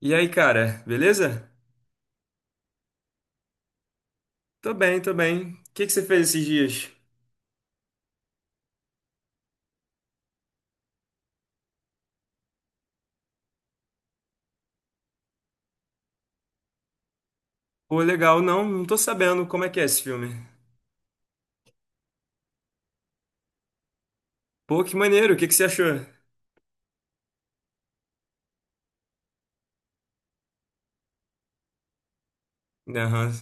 E aí, cara, beleza? Tô bem, tô bem. O que que você fez esses dias? Pô, legal, não tô sabendo como é que é esse filme. Pô, que maneiro, o que que você achou? Aham,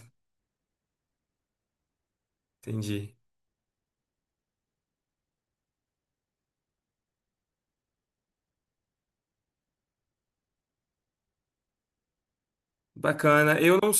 entendi. Bacana. Eu não.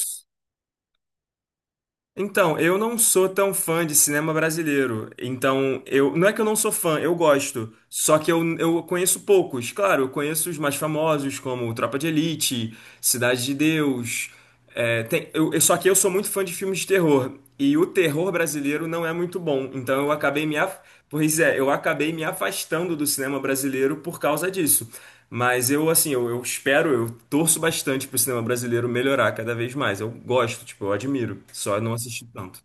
Então, eu não sou tão fã de cinema brasileiro. Então, eu não é que eu não sou fã, eu gosto. Só que eu conheço poucos. Claro, eu conheço os mais famosos, como Tropa de Elite, Cidade de Deus. Só que eu sou muito fã de filmes de terror. E o terror brasileiro não é muito bom. Então, eu acabei me af... Pois é, eu acabei me afastando do cinema brasileiro por causa disso. Mas eu, assim, eu espero, eu torço bastante pro cinema brasileiro melhorar cada vez mais. Eu gosto, tipo, eu admiro. Só não assisti tanto.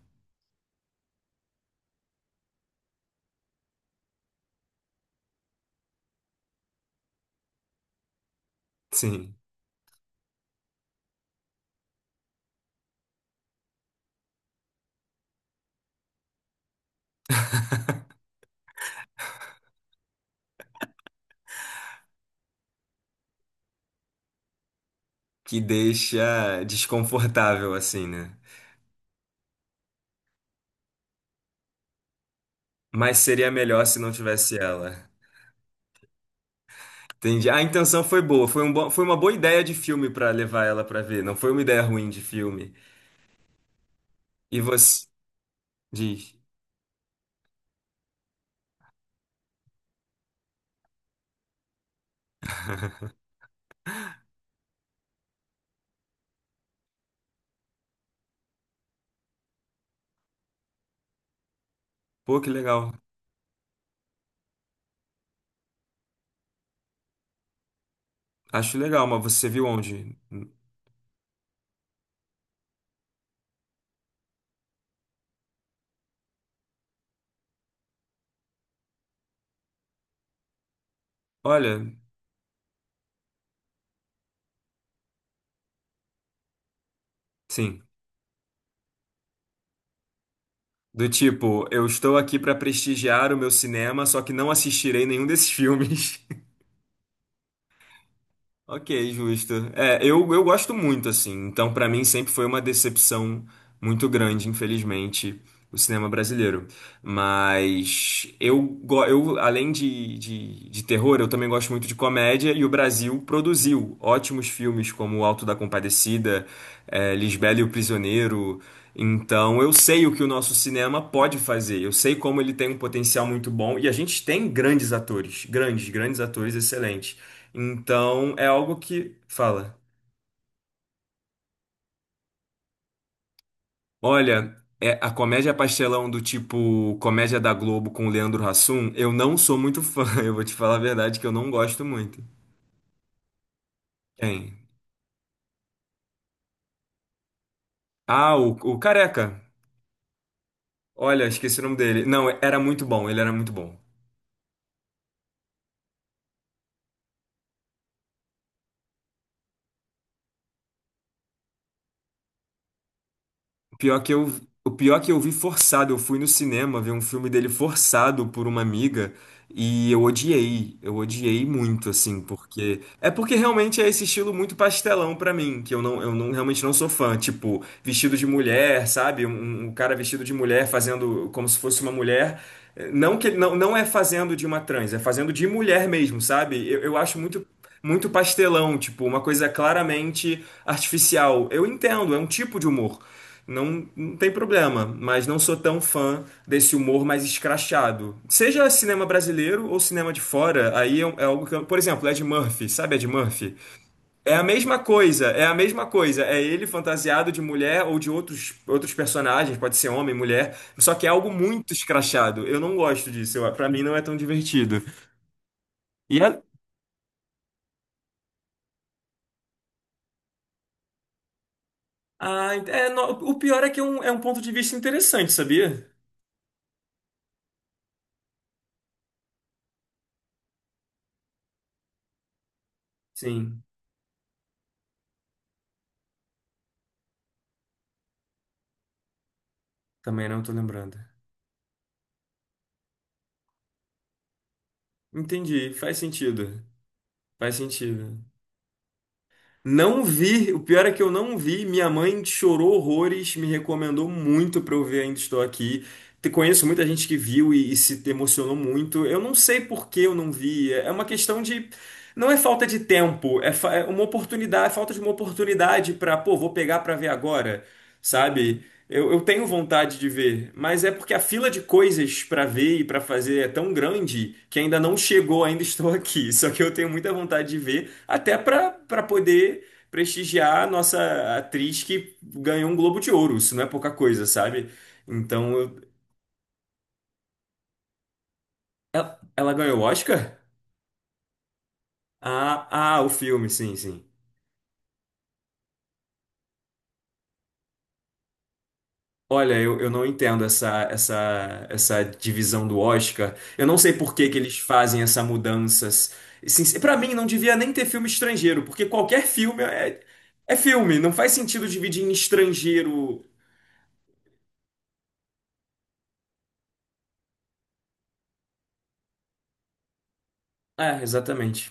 Sim. Que deixa desconfortável, assim, né? Mas seria melhor se não tivesse ela. Entendi. A intenção foi boa, foi um bom, foi uma boa ideia de filme pra levar ela pra ver. Não foi uma ideia ruim de filme. E você diz, pô, que legal. Acho legal, mas você viu onde? Olha, sim. Do tipo, eu estou aqui para prestigiar o meu cinema, só que não assistirei nenhum desses filmes. Ok, justo. É, eu gosto muito, assim. Então, pra mim, sempre foi uma decepção muito grande, infelizmente, o cinema brasileiro. Mas eu, além de, de terror, eu também gosto muito de comédia, e o Brasil produziu ótimos filmes como O Alto da Compadecida, é, Lisbela e o Prisioneiro. Então, eu sei o que o nosso cinema pode fazer. Eu sei como ele tem um potencial muito bom. E a gente tem grandes atores, grandes atores excelentes. Então, é algo que fala. Olha, é a comédia pastelão do tipo comédia da Globo com o Leandro Hassum, eu não sou muito fã. Eu vou te falar a verdade que eu não gosto muito. Quem? Ah, o Careca. Olha, esqueci o nome dele. Não, era muito bom, ele era muito bom. O pior que eu, o pior que eu vi forçado, eu fui no cinema ver um filme dele forçado por uma amiga e eu odiei muito assim, porque é porque realmente é esse estilo muito pastelão pra mim, que eu não realmente não sou fã, tipo, vestido de mulher, sabe? Um, um cara vestido de mulher fazendo como se fosse uma mulher. Não que não, não é fazendo de uma trans, é fazendo de mulher mesmo, sabe? Eu acho muito pastelão, tipo, uma coisa claramente artificial. Eu entendo, é um tipo de humor. Não, não tem problema, mas não sou tão fã desse humor mais escrachado. Seja cinema brasileiro ou cinema de fora, aí é, um, é algo que eu, por exemplo, Ed Murphy, sabe Ed Murphy? É a mesma coisa, é a mesma coisa. É ele fantasiado de mulher ou de outros, outros personagens, pode ser homem, mulher, só que é algo muito escrachado. Eu não gosto disso, eu, pra mim não é tão divertido. E a- ah, ent- é, no- o pior é que é um ponto de vista interessante, sabia? Sim, também não tô lembrando. Entendi, faz sentido. Faz sentido. Não vi, o pior é que eu não vi. Minha mãe chorou horrores, me recomendou muito pra eu ver Ainda Estou Aqui. Conheço muita gente que viu e se emocionou muito. Eu não sei por que eu não vi. É é uma questão de. Não é falta de tempo, é, é uma oportunidade, é falta de uma oportunidade pra, pô, vou pegar pra ver agora, sabe? Eu tenho vontade de ver, mas é porque a fila de coisas para ver e para fazer é tão grande que ainda não chegou, ainda estou aqui. Só que eu tenho muita vontade de ver, até para poder prestigiar a nossa atriz que ganhou um Globo de Ouro. Isso não é pouca coisa, sabe? Então, eu- ela, ela ganhou o Oscar? Ah, o filme, sim, sim. Olha, eu não entendo essa, essa divisão do Oscar. Eu não sei por que que eles fazem essa mudança. Pra mim, não devia nem ter filme estrangeiro, porque qualquer filme é, é filme. Não faz sentido dividir em estrangeiro. É, exatamente.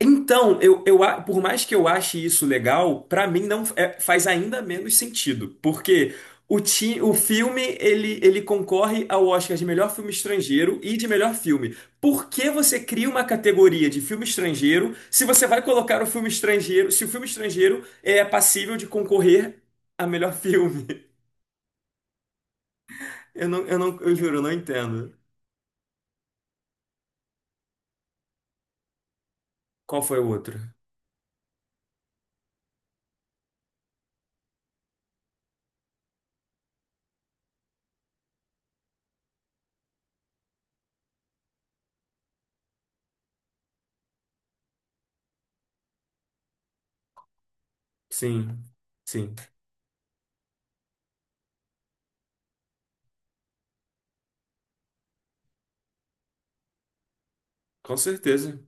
Então, eu, por mais que eu ache isso legal, pra mim não é- faz ainda menos sentido, porque o filme ele concorre ao Oscar de melhor filme estrangeiro e de melhor filme. Por que você cria uma categoria de filme estrangeiro se você vai colocar o filme estrangeiro, se o filme estrangeiro é passível de concorrer a melhor filme? Eu juro, eu não entendo. Qual foi o outro? Sim, sim, com certeza.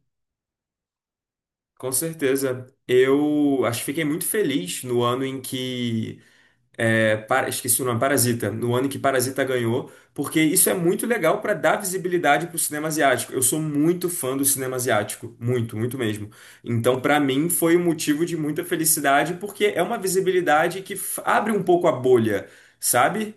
Com certeza. Eu acho que fiquei muito feliz no ano em que. Esqueci o nome, Parasita. No ano em que Parasita ganhou, porque isso é muito legal para dar visibilidade para o cinema asiático. Eu sou muito fã do cinema asiático. Muito, muito mesmo. Então, para mim, foi um motivo de muita felicidade, porque é uma visibilidade que abre um pouco a bolha, sabe?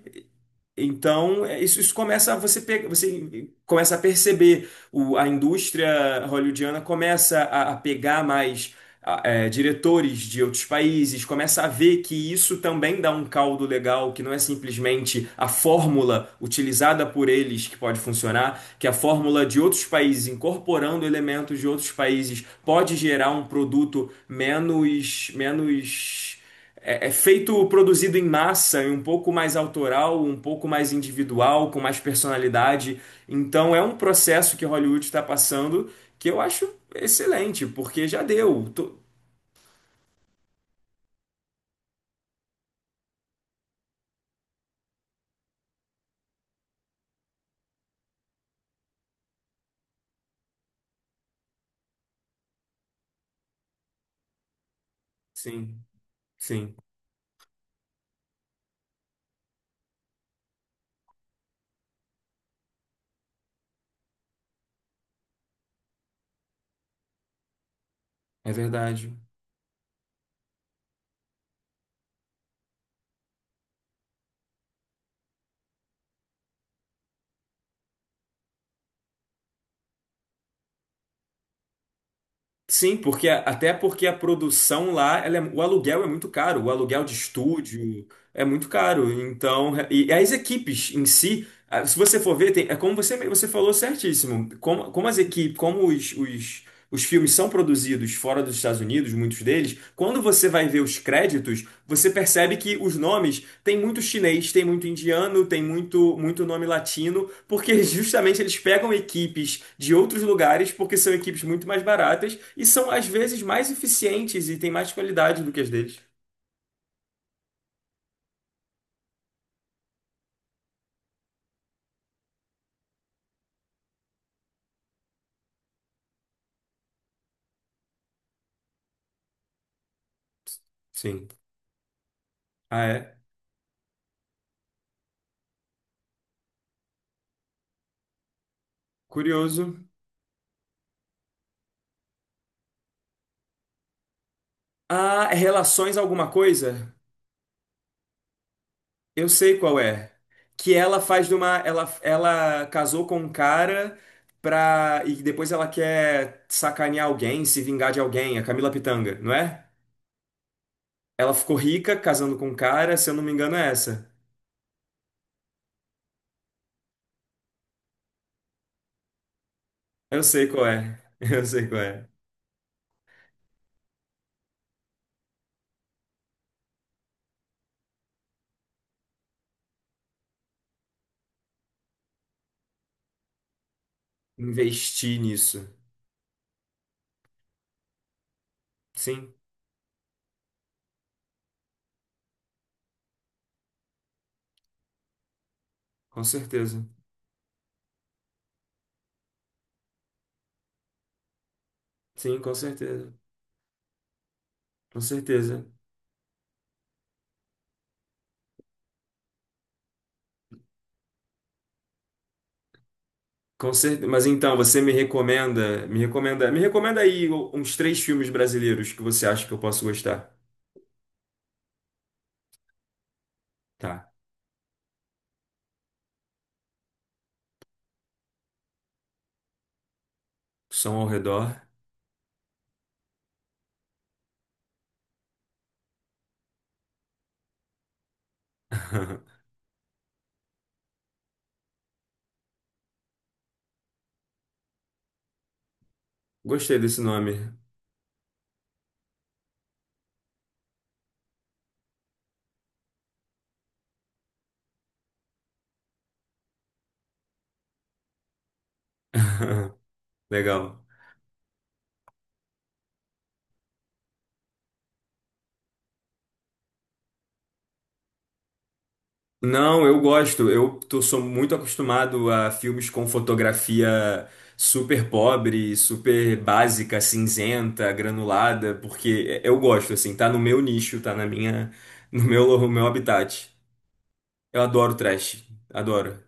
Então, é, isso começa a você começa a perceber a indústria hollywoodiana começa a pegar mais é, diretores de outros países, começa a ver que isso também dá um caldo legal, que não é simplesmente a fórmula utilizada por eles que pode funcionar, que a fórmula de outros países incorporando elementos de outros países pode gerar um produto menos é, é feito, produzido em massa, e um pouco mais autoral, um pouco mais individual, com mais personalidade. Então é um processo que Hollywood está passando que eu acho excelente, porque já deu. Tô- Sim, sim, é verdade. Sim, porque até porque a produção lá, ela é- o aluguel é muito caro, o aluguel de estúdio é muito caro. Então, é, e as equipes em si, ah, se você for ver, tem- é como você falou certíssimo, como, como as equipes, como os filmes são produzidos fora dos Estados Unidos, muitos deles, quando você vai ver os créditos, você percebe que os nomes tem muito chinês, tem muito indiano, tem muito, muito nome latino, porque justamente eles pegam equipes de outros lugares, porque são equipes muito mais baratas e são às vezes mais eficientes e têm mais qualidade do que as deles. Sim. Ah, é? Curioso. Ah, é relações alguma coisa? Eu sei qual é. Que ela faz de uma. Ela casou com um cara pra. E depois ela quer sacanear alguém, se vingar de alguém, a Camila Pitanga, não é? Ela ficou rica casando com um cara, se eu não me engano, é essa. Eu sei qual é. Eu sei qual é. Investir nisso. Sim, com certeza. Sim, com certeza. Com certeza. Com certeza. Mas então, você me recomenda, me recomenda, me recomenda aí uns três filmes brasileiros que você acha que eu posso gostar. Tá. Som ao redor. Gostei desse nome. Legal. Não, eu gosto. Eu tô, sou muito acostumado a filmes com fotografia super pobre, super básica, cinzenta, granulada, porque eu gosto, assim, tá no meu nicho, tá na minha, no meu, no meu habitat. Eu adoro trash. Adoro.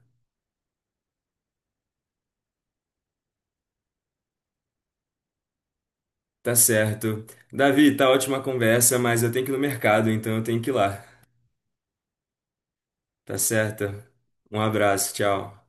Tá certo. Davi, tá ótima a conversa, mas eu tenho que ir no mercado, então eu tenho que ir lá. Tá certo? Um abraço, tchau.